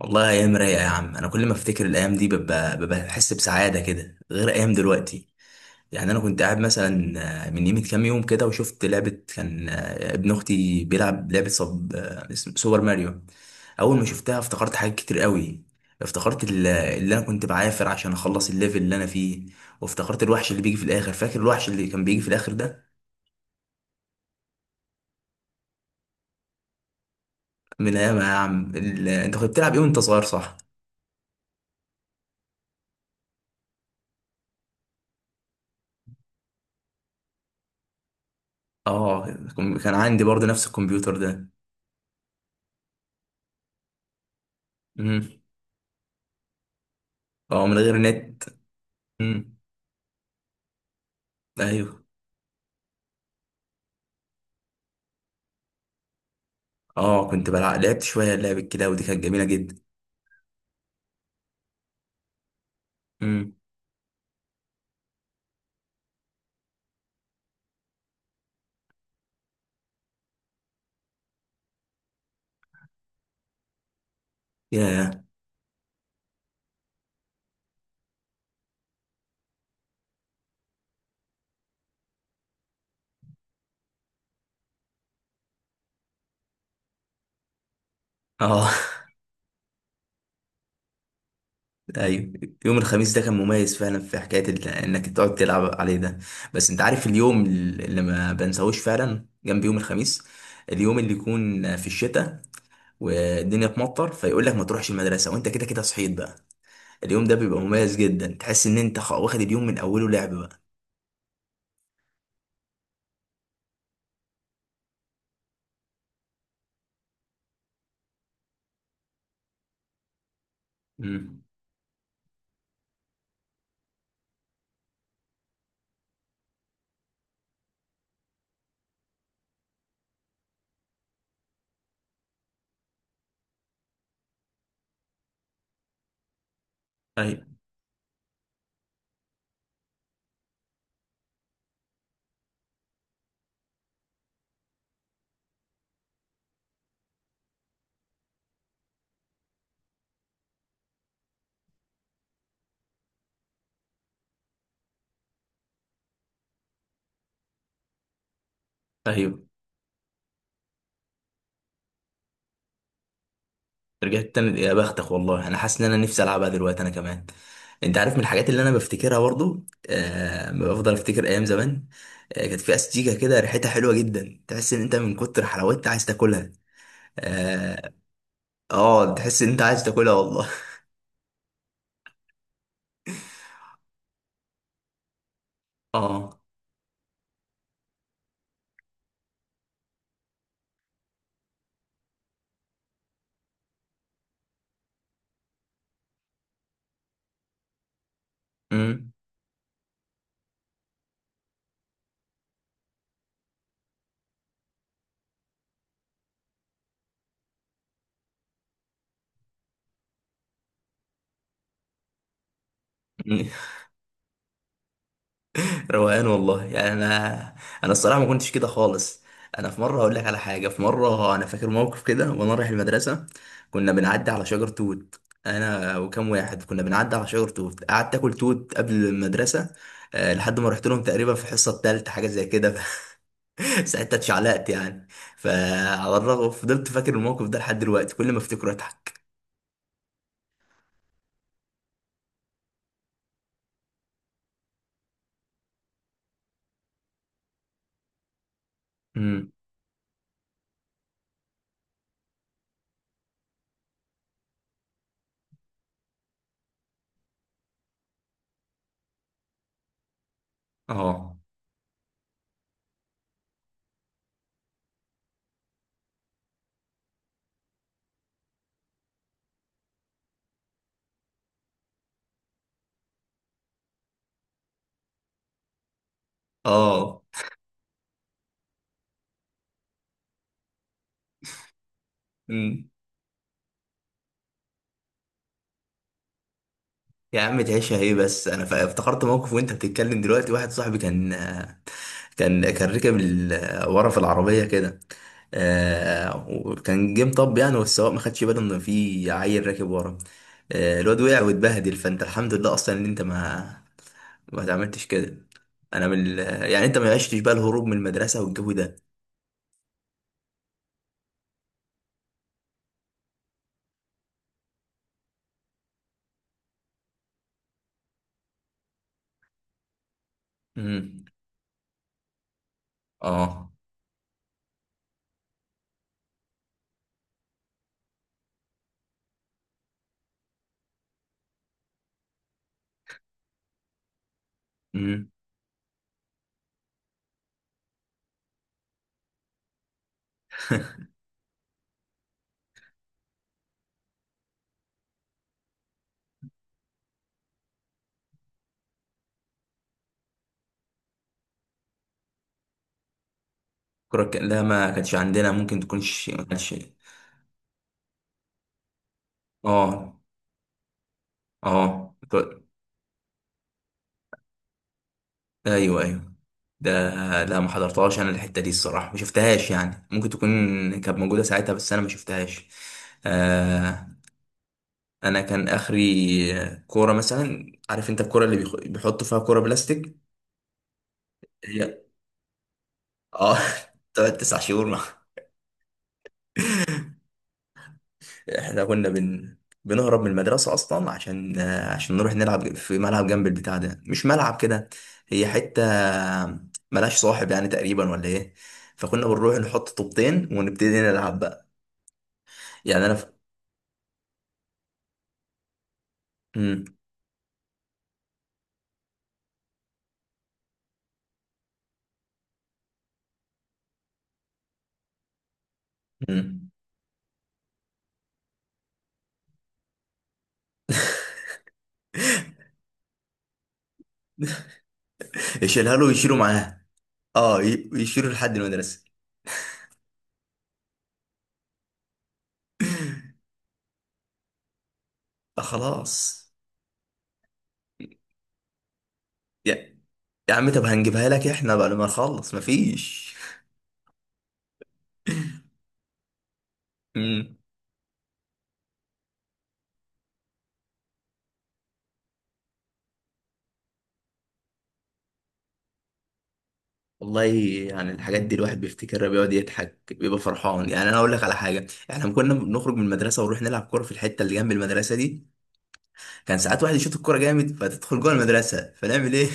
والله ايام رايقه يا عم. انا كل ما افتكر الايام دي ببقى بحس بسعاده كده غير ايام دلوقتي. يعني انا كنت قاعد مثلا، من يمه كام يوم كده وشفت لعبه كان، ابن اختي بيلعب لعبه، سوبر ماريو. اول ما شفتها افتكرت حاجات كتير قوي. افتكرت اللي انا كنت بعافر عشان اخلص الليفل اللي انا فيه. وافتكرت الوحش اللي بيجي في الاخر. فاكر الوحش اللي كان بيجي في الاخر ده؟ من ايام. يا عم انت كنت بتلعب ايه وانت صغير؟ صح. اه، كان عندي برضه نفس الكمبيوتر ده. اه، من غير نت. امم. ايوه. اه، كنت بلعب لعبت شويه لعبة كده، ودي كانت جميله جدا. امم. يا. اه. ايوه. يوم الخميس ده كان مميز فعلا في حكايه انك تقعد تلعب عليه ده. بس انت عارف اليوم اللي ما بنساهوش فعلا جنب يوم الخميس؟ اليوم اللي يكون في الشتاء والدنيا تمطر فيقول لك ما تروحش المدرسه وانت كده كده صحيت بقى. اليوم ده بيبقى مميز جدا. تحس ان انت واخد اليوم من اوله لعب بقى. امم. ايوه. ايوه. رجعت تاني يا بختك. والله انا حاسس ان انا نفسي العبها دلوقتي انا كمان. انت عارف من الحاجات اللي انا بفتكرها برضو؟ بفضل افتكر ايام زمان. كانت في استيكه كده ريحتها حلوه جدا. تحس ان انت من كتر حلاوتها عايز تاكلها. اه. تحس ان انت عايز تاكلها والله. اه. امم. روقان والله. يعني انا، انا الصراحه ما كنتش كده خالص. انا في مره هقول لك على حاجه. في مره انا فاكر موقف كده وانا رايح المدرسه. كنا بنعدي على شجر توت. انا وكم واحد كنا بنعدي على شجر توت. قعدت اكل توت قبل المدرسه لحد ما رحت لهم تقريبا في الحصه الثالثه حاجه زي كده. ساعتها اتشعلقت يعني. فعلى الرغم فضلت فاكر الموقف ده لحد دلوقتي. كل ما افتكره اضحك. امم. اه. اه. امم. يا عم تعيشها ايه؟ بس انا افتكرت موقف وانت بتتكلم دلوقتي. واحد صاحبي كان، ركب ورا في العربية كده. وكان جه مطب يعني، والسواق ما خدش باله ان في عيل راكب ورا. الواد وقع واتبهدل. فانت الحمد لله اصلا ان انت ما اتعملتش كده. انا من يعني انت ما عشتش بقى الهروب من المدرسة والجو ده. امم. اه. امم. لا، ما كانتش عندنا. ممكن تكونش ما كانتش. اه. اه. ايوه. ايوه. ده، لا ما حضرتهاش انا الحته دي الصراحه. ما شفتهاش يعني. ممكن تكون كانت موجوده ساعتها بس انا ما شفتهاش. آه. انا كان اخري كوره مثلا، عارف انت الكوره اللي بيحطوا فيها كوره بلاستيك. هي. اه. تقعد 9 شهور مع. احنا بنهرب من المدرسه اصلا عشان نروح نلعب في ملعب جنب البتاع ده. مش ملعب كده. هي حته ملهاش صاحب يعني تقريبا ولا ايه. فكنا بنروح نحط طوبتين ونبتدي نلعب بقى. يعني انا. مم. مم. يشيلها له ويشيله معاه. اه، يشيله لحد المدرسه. آه، خلاص. يا يا عم طب هنجيبها لك احنا بعد ما نخلص. مفيش. مم. والله يعني الحاجات دي الواحد بيفتكرها بيقعد يضحك بيبقى فرحان. يعني انا اقول لك على حاجه. احنا لما كنا بنخرج من المدرسه ونروح نلعب كوره في الحته اللي جنب المدرسه دي، كان ساعات واحد يشوط الكوره جامد فتدخل جوه المدرسه. فنعمل ايه؟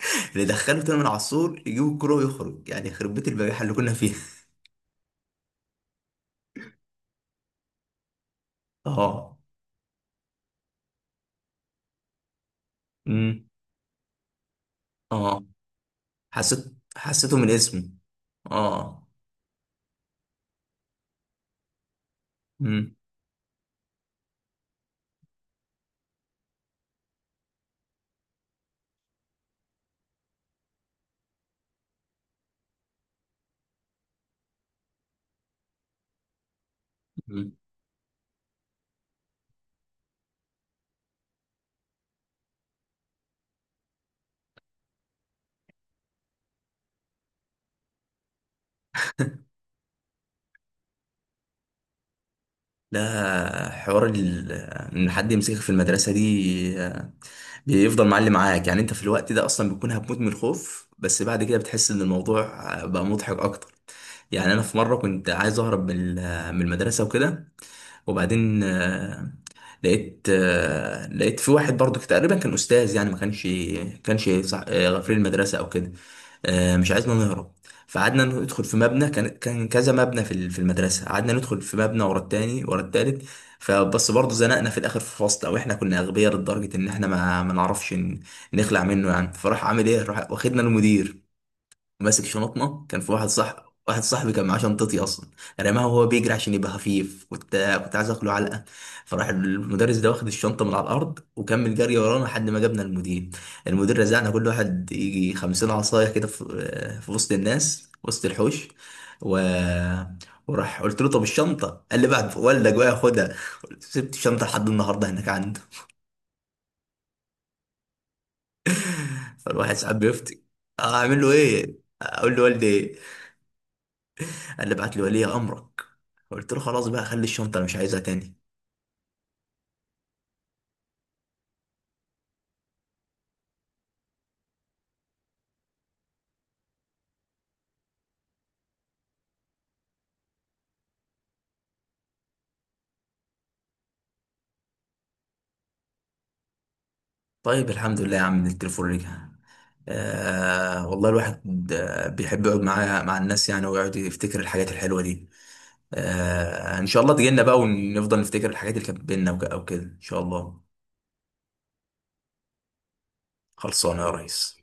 ندخله تاني من على السور يجيب الكوره ويخرج. يعني يخرب بيت البجاحه اللي كنا فيها. اه. امم. اه. حسيت. حسيته من اسمه. اه. مم. مم. ده حوار ان حد يمسكك في المدرسه دي بيفضل معلم معاك. يعني انت في الوقت ده اصلا بتكون هتموت من الخوف. بس بعد كده بتحس ان الموضوع بقى مضحك اكتر. يعني انا في مره كنت عايز اهرب من من المدرسه وكده. وبعدين لقيت في واحد برضو تقريبا كان استاذ. يعني ما كانش، غفير المدرسه او كده. مش عايزنا نهرب. فقعدنا ندخل في مبنى. كان كذا مبنى في المدرسه. قعدنا ندخل في مبنى ورا التاني ورا التالت. فبس برضه زنقنا في الاخر في فصل. او احنا كنا اغبياء لدرجه ان احنا ما نعرفش نخلع منه يعني. فراح عامل ايه، راح واخدنا المدير ماسك شنطنا. كان في واحد، صح، واحد صاحبي كان معاه شنطتي اصلا. رماها وهو بيجري عشان يبقى خفيف. كنت عايز اكله علقه. فراح المدرس ده واخد الشنطه من على الارض وكمل جري ورانا لحد ما جبنا المدير. المدير رزعنا كل واحد يجي 50 عصايه كده، في وسط الناس، وسط الحوش. و... وراح قلت له طب الشنطه؟ قال لي بعد والدك بقى خدها. سبت الشنطه لحد النهارده هناك عنده. فالواحد ساعات بيفتي. اعمل له ايه؟ اقول له والدي؟ قال لي ابعت لي ولي امرك. قلت له خلاص بقى، خلي الشنطه انا مش عايزها تاني. طيب الحمد لله يا عم إن التليفون رجع. والله الواحد بيحب يقعد مع الناس يعني، ويقعد يفتكر الحاجات الحلوه دي. ان شاء الله تجينا بقى ونفضل نفتكر الحاجات اللي كانت بينا او كده ان شاء الله. خلصانه يا ريس.